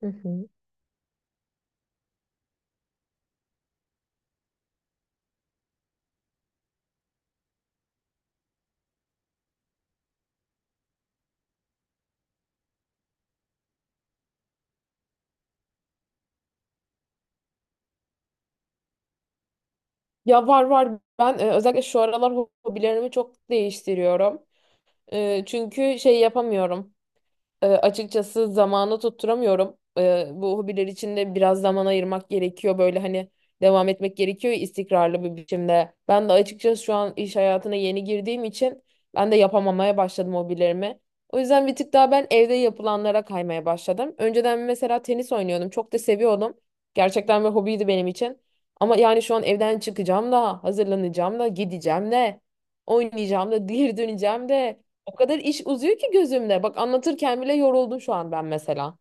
Hı hı. Ya var var. Ben özellikle şu aralar hobilerimi çok değiştiriyorum. Çünkü şey yapamıyorum. Açıkçası zamanı tutturamıyorum. Bu hobiler için de biraz zaman ayırmak gerekiyor. Böyle hani devam etmek gerekiyor istikrarlı bir biçimde. Ben de açıkçası şu an iş hayatına yeni girdiğim için ben de yapamamaya başladım hobilerimi. O yüzden bir tık daha ben evde yapılanlara kaymaya başladım. Önceden mesela tenis oynuyordum. Çok da seviyordum. Gerçekten bir hobiydi benim için. Ama yani şu an evden çıkacağım da, hazırlanacağım da, gideceğim de, oynayacağım da, geri döneceğim de. O kadar iş uzuyor ki gözümde. Bak anlatırken bile yoruldum şu an ben mesela.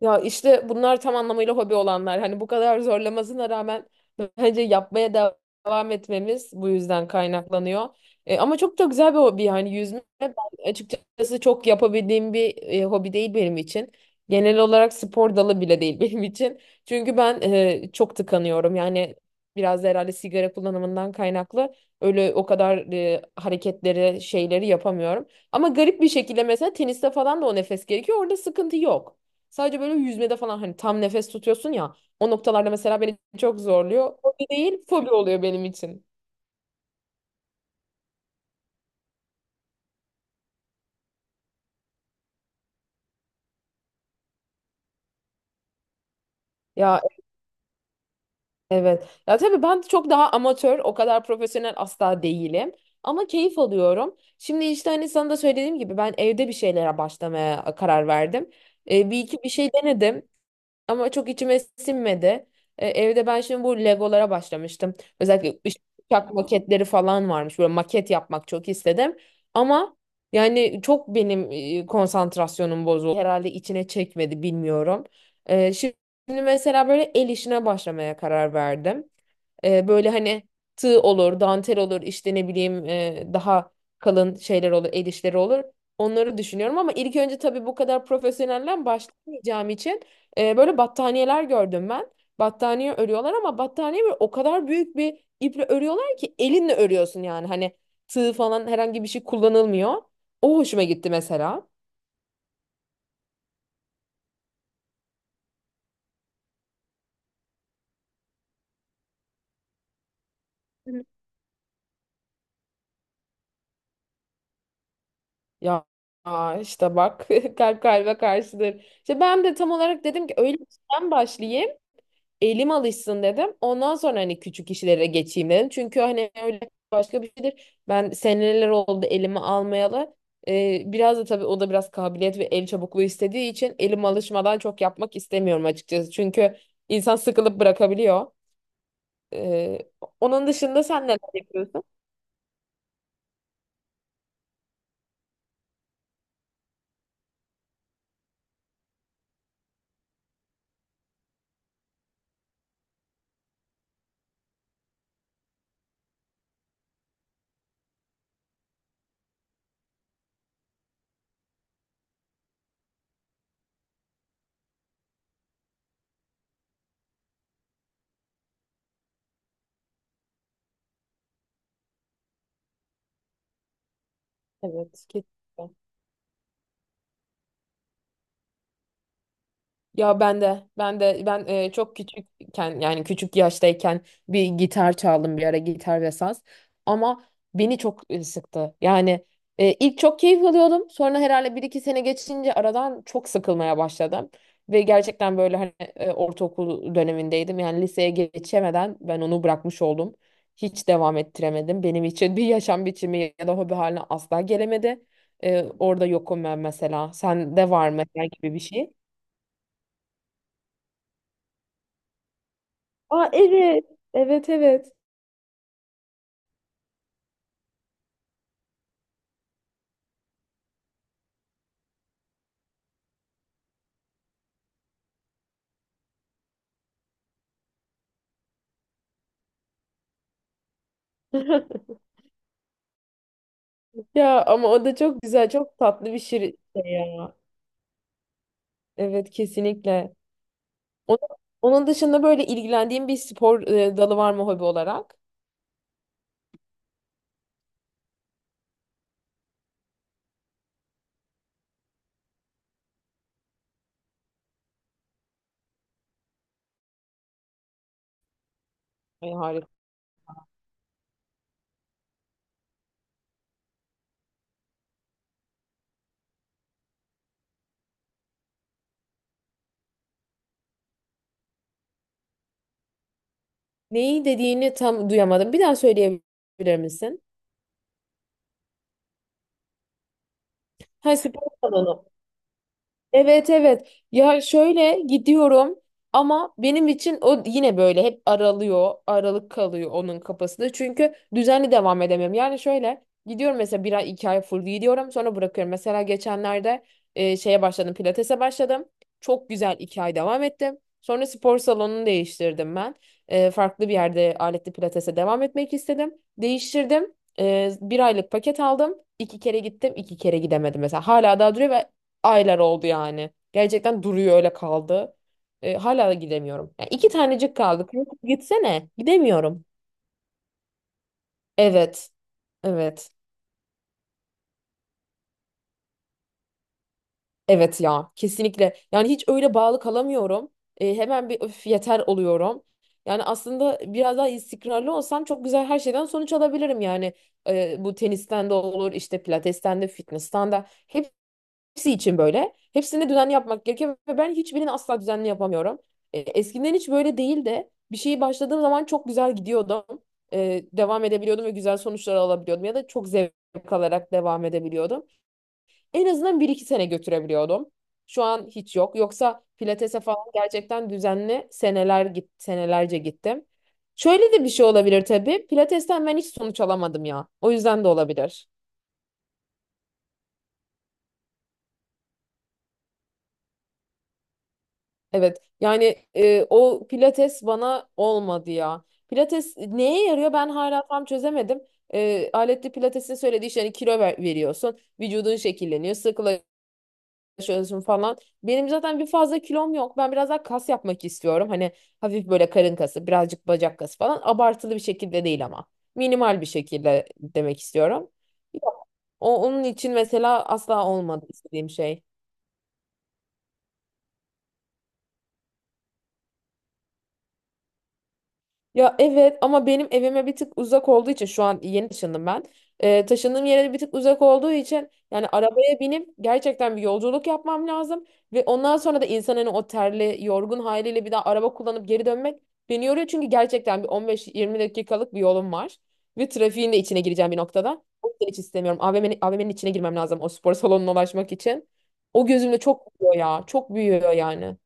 Ya işte bunlar tam anlamıyla hobi olanlar. Hani bu kadar zorlamasına rağmen bence yapmaya devam etmemiz bu yüzden kaynaklanıyor. Ama çok da güzel bir hobi yani yüzme ben açıkçası çok yapabildiğim bir hobi değil benim için. Genel olarak spor dalı bile değil benim için. Çünkü ben çok tıkanıyorum. Yani biraz da herhalde sigara kullanımından kaynaklı öyle o kadar hareketleri şeyleri yapamıyorum. Ama garip bir şekilde mesela teniste falan da o nefes gerekiyor. Orada sıkıntı yok. Sadece böyle yüzmede falan hani tam nefes tutuyorsun ya. O noktalarda mesela beni çok zorluyor. Hobi değil, fobi oluyor benim için. Ya evet. Ya tabii ben çok daha amatör, o kadar profesyonel asla değilim. Ama keyif alıyorum. Şimdi işte hani sana da söylediğim gibi ben evde bir şeylere başlamaya karar verdim. Bir iki bir şey denedim. Ama çok içime sinmedi. Evde ben şimdi bu Legolara başlamıştım. Özellikle uçak maketleri falan varmış. Böyle maket yapmak çok istedim. Ama yani çok benim konsantrasyonum bozuldu. Herhalde içine çekmedi bilmiyorum. Şimdi mesela böyle el işine başlamaya karar verdim. Böyle hani tığ olur, dantel olur, işte ne bileyim daha kalın şeyler olur, el işleri olur. Onları düşünüyorum ama ilk önce tabii bu kadar profesyonelden başlamayacağım için böyle battaniyeler gördüm ben. Battaniye örüyorlar ama battaniye böyle o kadar büyük bir iple örüyorlar ki elinle örüyorsun yani. Hani tığ falan herhangi bir şey kullanılmıyor. O hoşuma gitti mesela. Ya aa, işte bak kalp kalbe karşıdır. İşte ben de tam olarak dedim ki öyle işten başlayayım. Elim alışsın dedim. Ondan sonra hani küçük işlere geçeyim dedim. Çünkü hani öyle başka bir şeydir. Ben seneler oldu elimi almayalı. Biraz da tabii o da biraz kabiliyet ve el çabukluğu istediği için elim alışmadan çok yapmak istemiyorum açıkçası. Çünkü insan sıkılıp bırakabiliyor. Ee, Onun dışında sen neler yapıyorsun? Evet, kesinlikle. Ya ben de çok küçükken yani küçük yaştayken bir gitar çaldım bir ara gitar ve saz ama beni çok sıktı. Yani ilk çok keyif alıyordum sonra herhalde bir iki sene geçince aradan çok sıkılmaya başladım. Ve gerçekten böyle hani ortaokul dönemindeydim yani liseye geçemeden ben onu bırakmış oldum. Hiç devam ettiremedim. Benim için bir yaşam biçimi ya da hobi haline asla gelemedi. Orada yokum ben mesela. Sende var mı herhangi bir şey? Aa evet. Evet evet. Ya ama o da çok güzel, çok tatlı bir şey ya. Evet kesinlikle. Onun, onun dışında böyle ilgilendiğin bir spor dalı var mı hobi olarak? Ay, harika. Neyi dediğini tam duyamadım. Bir daha söyleyebilir misin? Ha spor salonu. Evet evet. Ya şöyle gidiyorum ama benim için o yine böyle hep aralıyor, aralık kalıyor onun kafasında. Çünkü düzenli devam edemiyorum. Yani şöyle gidiyorum mesela bir ay iki ay full gidiyorum sonra bırakıyorum. Mesela geçenlerde e, şeye başladım pilatese başladım. Çok güzel iki ay devam ettim. Sonra spor salonunu değiştirdim ben. Farklı bir yerde aletli pilatese devam etmek istedim. Değiştirdim. Bir aylık paket aldım. İki kere gittim, iki kere gidemedim mesela. Hala daha duruyor ve aylar oldu yani. Gerçekten duruyor öyle kaldı. Hala da gidemiyorum. Yani iki tanecik kaldı. Kanka gitsene. Gidemiyorum. Evet. Evet. Evet ya. Kesinlikle. Yani hiç öyle bağlı kalamıyorum. Hemen bir öf yeter oluyorum. Yani aslında biraz daha istikrarlı olsam çok güzel her şeyden sonuç alabilirim yani. Bu tenisten de olur, işte pilatesten de, fitness'tan da. Hepsi için böyle. Hepsini düzenli yapmak gerekiyor ve ben hiçbirini asla düzenli yapamıyorum. Eskiden hiç böyle değil de bir şeyi başladığım zaman çok güzel gidiyordum. Devam edebiliyordum ve güzel sonuçlar alabiliyordum ya da çok zevk alarak devam edebiliyordum. En azından bir iki sene götürebiliyordum. Şu an hiç yok. Yoksa pilatese falan gerçekten düzenli seneler git senelerce gittim. Şöyle de bir şey olabilir tabii. Pilatesten ben hiç sonuç alamadım ya. O yüzden de olabilir. Evet yani o pilates bana olmadı ya. Pilates neye yarıyor ben hala tam çözemedim. Aletli pilatesin söylediği işte hani kilo veriyorsun. Vücudun şekilleniyor, sıkılaşıyorsun falan. Benim zaten bir fazla kilom yok. Ben biraz daha kas yapmak istiyorum. Hani hafif böyle karın kası, birazcık bacak kası falan. Abartılı bir şekilde değil ama. Minimal bir şekilde demek istiyorum. Yok, onun için mesela asla olmadı istediğim şey. Ya evet ama benim evime bir tık uzak olduğu için şu an yeni taşındım ben. Taşındığım yere bir tık uzak olduğu için yani arabaya binip gerçekten bir yolculuk yapmam lazım. Ve ondan sonra da insanın o terli, yorgun haliyle bir daha araba kullanıp geri dönmek beni yoruyor. Çünkü gerçekten bir 15-20 dakikalık bir yolum var. Ve trafiğin de içine gireceğim bir noktada. O yüzden hiç istemiyorum. AVM'nin içine girmem lazım o spor salonuna ulaşmak için. O gözümde çok büyüyor ya. Çok büyüyor yani.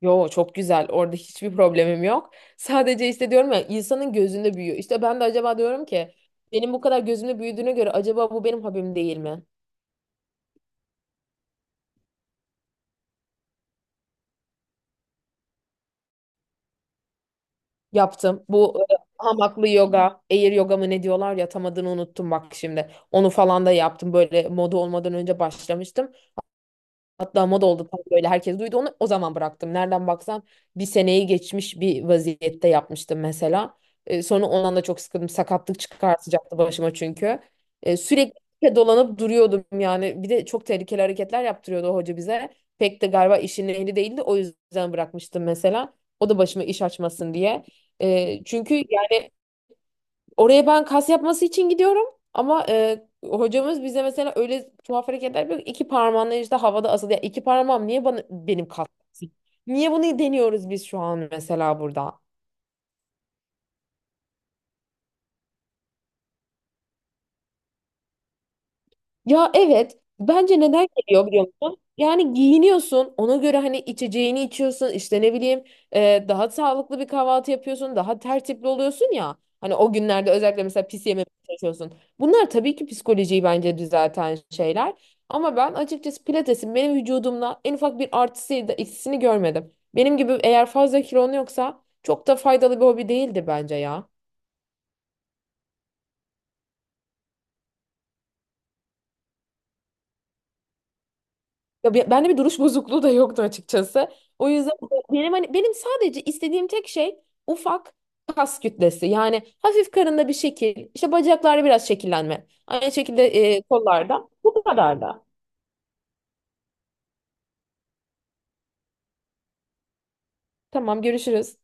Yo çok güzel. Orada hiçbir problemim yok. Sadece işte diyorum ya insanın gözünde büyüyor. İşte ben de acaba diyorum ki benim bu kadar gözümde büyüdüğüne göre acaba bu benim hobim değil mi? Yaptım. Bu hamaklı yoga, air yoga mı ne diyorlar ya tam adını unuttum bak şimdi. Onu falan da yaptım. Böyle moda olmadan önce başlamıştım. Hatta moda oldu tam böyle herkes duydu onu. O zaman bıraktım. Nereden baksan bir seneyi geçmiş bir vaziyette yapmıştım mesela. Sonra ondan da çok sıkıldım. Sakatlık çıkartacaktı başıma çünkü. Sürekli dolanıp duruyordum yani. Bir de çok tehlikeli hareketler yaptırıyordu o hoca bize. Pek de galiba işin ehli değildi. O yüzden bırakmıştım mesela. O da başıma iş açmasın diye. Çünkü yani oraya ben kas yapması için gidiyorum ama hocamız bize mesela öyle tuhaf hareketler yapıyor ki İki parmağınla işte havada asılı. Ya iki parmağım niye bana benim kas yapsın? Niye bunu deniyoruz biz şu an mesela burada? Ya evet. Bence neden geliyor biliyor musun? Yani giyiniyorsun. Ona göre hani içeceğini içiyorsun, işte ne bileyim daha sağlıklı bir kahvaltı yapıyorsun. Daha tertipli oluyorsun ya. Hani o günlerde özellikle mesela pis yememeye çalışıyorsun. Bunlar tabii ki psikolojiyi bence düzelten şeyler. Ama ben açıkçası pilatesin benim vücudumla en ufak bir artısı ya da eksisini görmedim. Benim gibi eğer fazla kilon yoksa çok da faydalı bir hobi değildi bence ya. Ya bende bir duruş bozukluğu da yoktu açıkçası. O yüzden benim hani benim sadece istediğim tek şey ufak kas kütlesi. Yani hafif karında bir şekil, işte bacaklarda biraz şekillenme. Aynı şekilde kollarda. Bu kadar da. Tamam, görüşürüz.